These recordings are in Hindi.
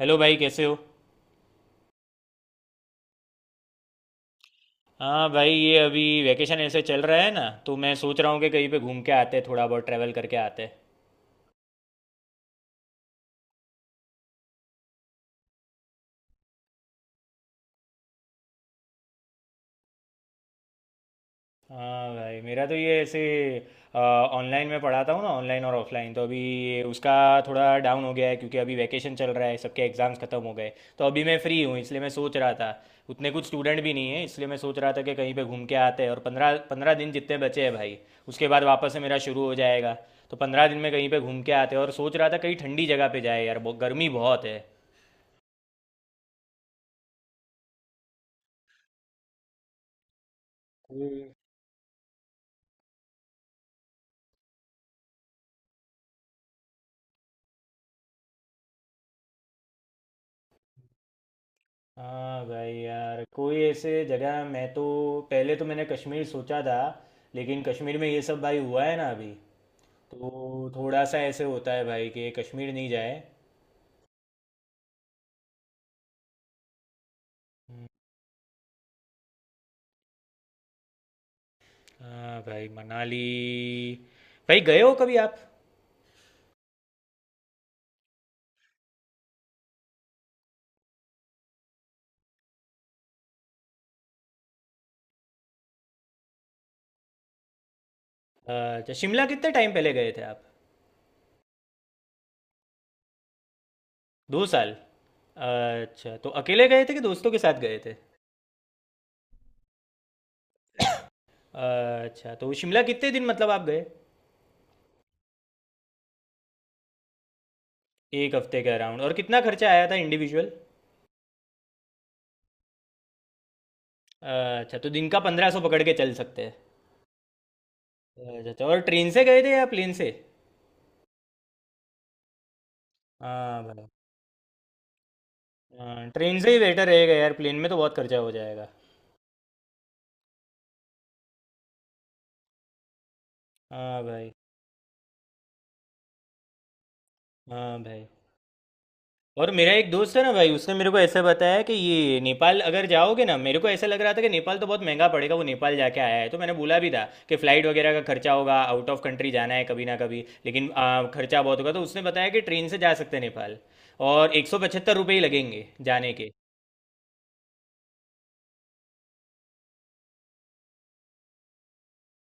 हेलो भाई, कैसे हो। हाँ भाई, ये अभी वैकेशन ऐसे चल रहा है ना, तो मैं सोच रहा हूँ कि कहीं पे घूम के आते, थोड़ा बहुत ट्रैवल करके आते। हाँ भाई, मेरा तो ये ऐसे ऑनलाइन में पढ़ाता हूँ ना, ऑनलाइन और ऑफलाइन, तो अभी ये उसका थोड़ा डाउन हो गया है क्योंकि अभी वैकेशन चल रहा है, सबके एग्ज़ाम्स ख़त्म हो गए। तो अभी मैं फ्री हूँ, इसलिए मैं सोच रहा था, उतने कुछ स्टूडेंट भी नहीं है, इसलिए मैं सोच रहा था कि कहीं पे घूम के आते हैं। और 15-15 दिन जितने बचे हैं भाई, उसके बाद वापस से मेरा शुरू हो जाएगा। तो 15 दिन में कहीं पे घूम के आते हैं, और सोच रहा था कहीं ठंडी जगह पे जाए यार, गर्मी बहुत है। हाँ भाई यार, कोई ऐसे जगह, मैं तो पहले तो मैंने कश्मीर सोचा था, लेकिन कश्मीर में ये सब भाई हुआ है ना अभी, तो थोड़ा सा ऐसे होता है भाई कि कश्मीर नहीं जाए। हम्म। हाँ भाई मनाली, भाई गए हो कभी आप। अच्छा, शिमला कितने टाइम पहले गए थे आप। 2 साल। अच्छा, तो अकेले गए थे कि दोस्तों के साथ गए थे। अच्छा, तो शिमला कितने दिन मतलब आप गए। एक हफ्ते के अराउंड, और कितना खर्चा आया था इंडिविजुअल। अच्छा, तो दिन का 1500 पकड़ के चल सकते हैं। अच्छा अच्छा, और ट्रेन से गए थे या प्लेन से। हाँ भाई, हाँ ट्रेन से ही बेटर रहेगा यार, प्लेन में तो बहुत खर्चा हो जाएगा। हाँ भाई, हाँ भाई। और मेरा एक दोस्त है ना भाई, उसने मेरे को ऐसा बताया कि ये नेपाल अगर जाओगे ना, मेरे को ऐसा लग रहा था कि नेपाल तो बहुत महंगा पड़ेगा, वो नेपाल जाके आया है, तो मैंने बोला भी था कि फ़्लाइट वगैरह का खर्चा होगा, आउट ऑफ कंट्री जाना है कभी ना कभी, लेकिन खर्चा बहुत होगा। तो उसने बताया कि ट्रेन से जा सकते हैं नेपाल, और 175 रुपये ही लगेंगे जाने के।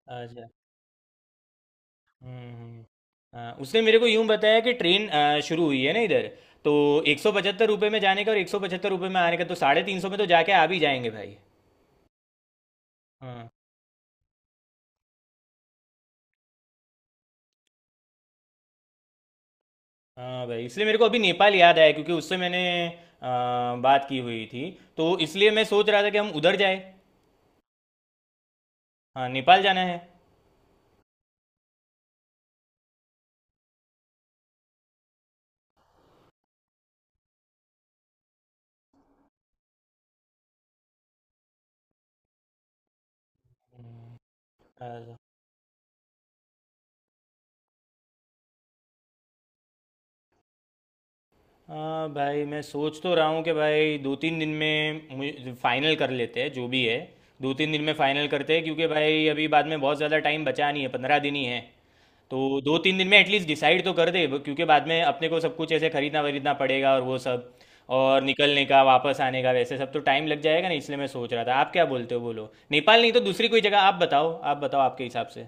अच्छा। हम्म हम्म। हाँ, उसने मेरे को यूं बताया कि ट्रेन शुरू हुई है ना इधर, तो 175 रुपये में जाने का और 175 रुपये में आने का, तो 350 में तो जाके आ भी जाएंगे भाई। हाँ, हाँ भाई, इसलिए मेरे को अभी नेपाल याद आया क्योंकि उससे मैंने बात की हुई थी, तो इसलिए मैं सोच रहा था कि हम उधर जाए। हाँ नेपाल जाना है। अच्छा। हाँ भाई, मैं सोच तो रहा हूँ कि भाई 2-3 दिन में फाइनल कर लेते हैं जो भी है, 2-3 दिन में फाइनल करते हैं, क्योंकि भाई अभी बाद में बहुत ज़्यादा टाइम बचा नहीं है, 15 दिन ही है। तो 2-3 दिन में एटलीस्ट डिसाइड तो कर दे क्योंकि बाद में अपने को सब कुछ ऐसे खरीदना वरीदना पड़ेगा और वो सब, और निकलने का वापस आने का वैसे सब तो टाइम लग जाएगा ना, इसलिए मैं सोच रहा था, आप क्या बोलते हो, बोलो नेपाल नहीं तो दूसरी कोई जगह आप बताओ, आप बताओ आपके हिसाब से।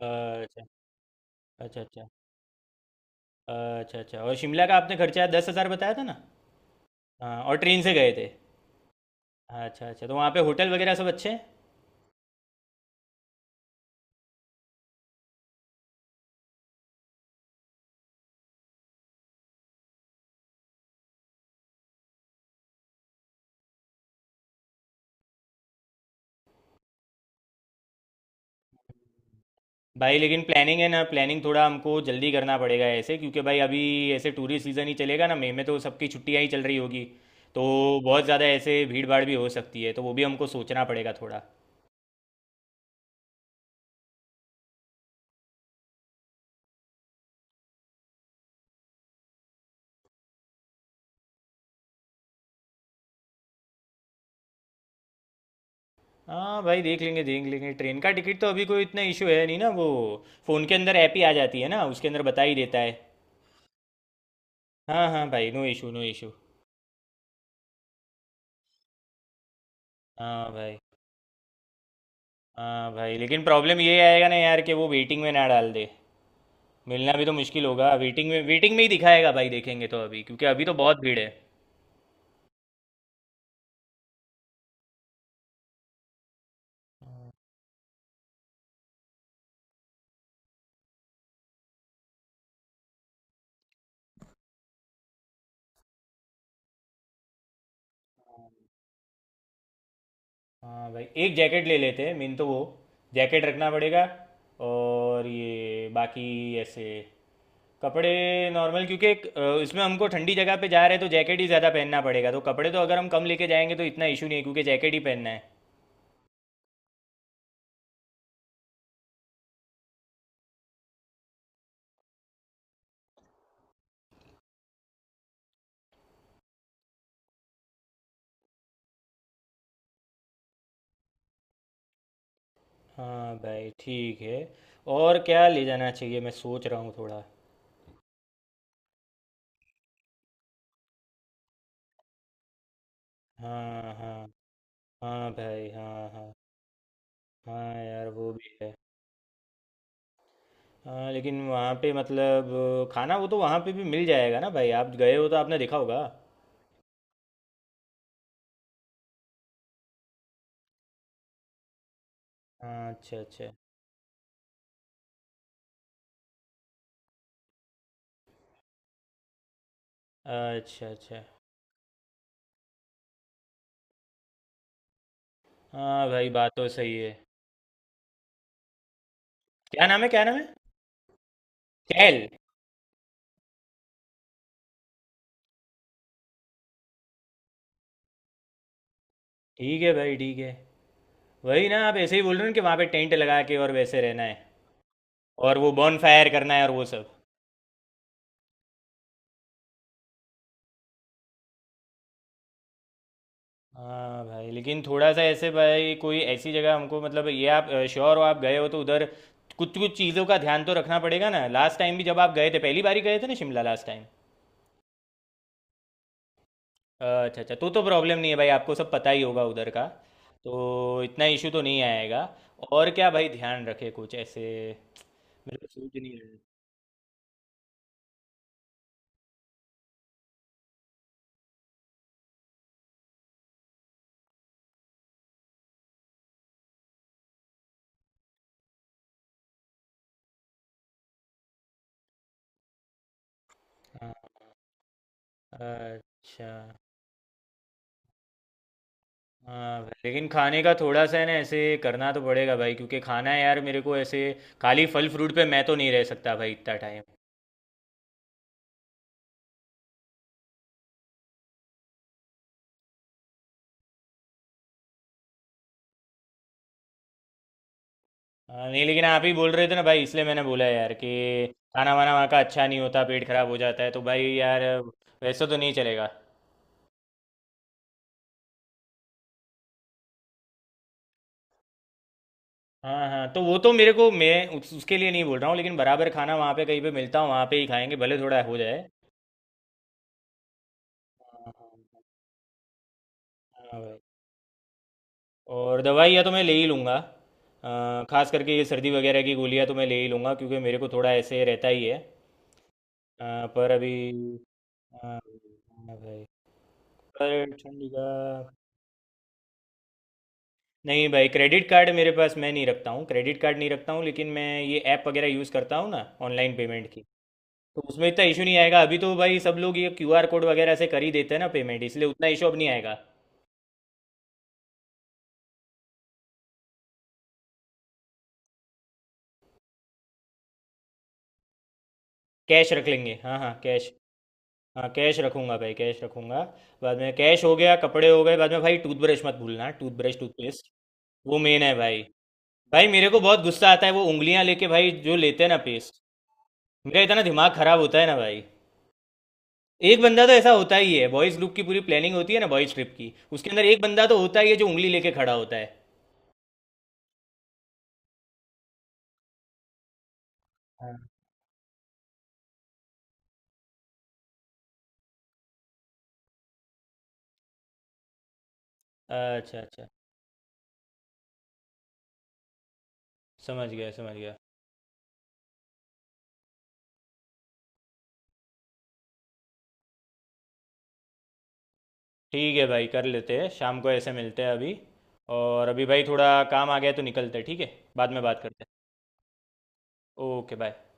अच्छा अच्छा। अच्छा अच्छा। अच्छा, और शिमला का आपने खर्चा 10,000 बताया था ना। हाँ, और ट्रेन से गए थे। अच्छा अच्छा, तो वहाँ पे होटल वगैरह सब अच्छे हैं। भाई लेकिन प्लानिंग है ना, प्लानिंग थोड़ा हमको जल्दी करना पड़ेगा ऐसे, क्योंकि भाई अभी ऐसे टूरिस्ट सीज़न ही चलेगा ना, मई में तो सबकी छुट्टियां ही चल रही होगी, तो बहुत ज़्यादा ऐसे भीड़ भाड़ भी हो सकती है, तो वो भी हमको सोचना पड़ेगा थोड़ा। हाँ भाई, देख लेंगे देख लेंगे, ट्रेन का टिकट तो अभी कोई इतना इशू है नहीं ना, वो फ़ोन के अंदर ऐप ही आ जाती है ना, उसके अंदर बता ही देता है। हाँ हाँ भाई, नो इशू नो इशू। हाँ भाई, हाँ भाई, लेकिन प्रॉब्लम ये आएगा ना यार कि वो वेटिंग में ना डाल दे, मिलना भी तो मुश्किल होगा, वेटिंग में ही दिखाएगा भाई, देखेंगे तो अभी क्योंकि अभी तो बहुत भीड़ है। हाँ भाई, एक जैकेट ले लेते हैं, मेन तो वो जैकेट रखना पड़ेगा, और ये बाकी ऐसे कपड़े नॉर्मल, क्योंकि इसमें हमको ठंडी जगह पे जा रहे हैं, तो जैकेट ही ज़्यादा पहनना पड़ेगा, तो कपड़े तो अगर हम कम लेके जाएंगे तो इतना इशू नहीं है क्योंकि जैकेट ही पहनना है। हाँ भाई ठीक है, और क्या ले जाना चाहिए मैं सोच रहा हूँ थोड़ा। हाँ हाँ। हाँ भाई, हाँ हाँ। हाँ यार वो भी है। हाँ लेकिन वहाँ पे मतलब खाना, वो तो वहाँ पे भी मिल जाएगा ना भाई, आप गए हो तो आपने देखा होगा। हाँ, अच्छा अच्छा। अच्छा अच्छा। हाँ भाई, बात तो सही है। क्या नाम है क्या नाम है। कैल। ठीक है भाई ठीक है, वही ना, आप ऐसे ही बोल रहे हो ना कि वहाँ पे टेंट लगा के और वैसे रहना है, और वो बॉन फायर करना है और वो सब। हाँ भाई, लेकिन थोड़ा सा ऐसे भाई, कोई ऐसी जगह हमको, मतलब ये आप श्योर हो, आप गए हो तो उधर कुछ कुछ चीज़ों का ध्यान तो रखना पड़ेगा ना, लास्ट टाइम भी जब आप गए थे, पहली बार ही गए थे ना शिमला लास्ट टाइम। अच्छा अच्छा, तो प्रॉब्लम नहीं है भाई, आपको सब पता ही होगा उधर का, तो इतना इशू तो नहीं आएगा। और क्या भाई ध्यान रखे कुछ ऐसे, मेरे को सूझ नहीं रहा। हाँ, अच्छा। हाँ भाई, लेकिन खाने का थोड़ा सा है ना, ऐसे करना तो पड़ेगा भाई, क्योंकि खाना यार मेरे को ऐसे खाली फल फ्रूट पे मैं तो नहीं रह सकता भाई इतना टाइम। हाँ, नहीं लेकिन आप ही बोल रहे थे ना भाई, इसलिए मैंने बोला यार कि खाना वाना वहाँ का अच्छा नहीं होता, पेट खराब हो जाता है, तो भाई यार वैसे तो नहीं चलेगा। हाँ हाँ, तो वो तो मेरे को, मैं उसके लिए नहीं बोल रहा हूँ, लेकिन बराबर खाना वहाँ पे कहीं पे मिलता हूँ वहाँ पे ही खाएंगे, भले थोड़ा हो जाए। हाँ हाँ, हाँ भाई। और दवाइयाँ तो मैं ले ही लूँगा, खास करके ये सर्दी वगैरह की गोलियाँ तो मैं ले ही लूँगा क्योंकि मेरे को थोड़ा ऐसे रहता ही है। पर अभी। हाँ, हाँ भाई। पर ठंडी का। नहीं भाई, क्रेडिट कार्ड मेरे पास, मैं नहीं रखता हूँ, क्रेडिट कार्ड नहीं रखता हूँ, लेकिन मैं ये ऐप वगैरह यूज़ करता हूँ ना ऑनलाइन पेमेंट की, तो उसमें इतना इशू नहीं आएगा अभी, तो भाई सब लोग ये क्यूआर कोड वगैरह से कर ही देते हैं ना पेमेंट, इसलिए उतना इशू अब नहीं आएगा। कैश रख लेंगे, हाँ हाँ कैश। हाँ कैश रखूंगा भाई, कैश रखूंगा। बाद में कैश हो गया, कपड़े हो गए, बाद में भाई टूथब्रश मत भूलना, टूथब्रश टूथपेस्ट वो मेन है भाई। भाई मेरे को बहुत गुस्सा आता है वो, उंगलियां लेके भाई जो लेते हैं ना पेस्ट, मेरा इतना दिमाग खराब होता है ना भाई। एक बंदा तो ऐसा होता ही है, बॉयज ग्रुप की पूरी प्लानिंग होती है ना, बॉयज ट्रिप की, उसके अंदर एक बंदा तो होता ही है जो उंगली लेके खड़ा होता है। हाँ। अच्छा अच्छा, समझ गया समझ गया। ठीक है भाई, कर लेते हैं, शाम को ऐसे मिलते हैं अभी। और अभी भाई थोड़ा काम आ गया है तो निकलते हैं, ठीक है, बाद में बात करते हैं। Okay bye.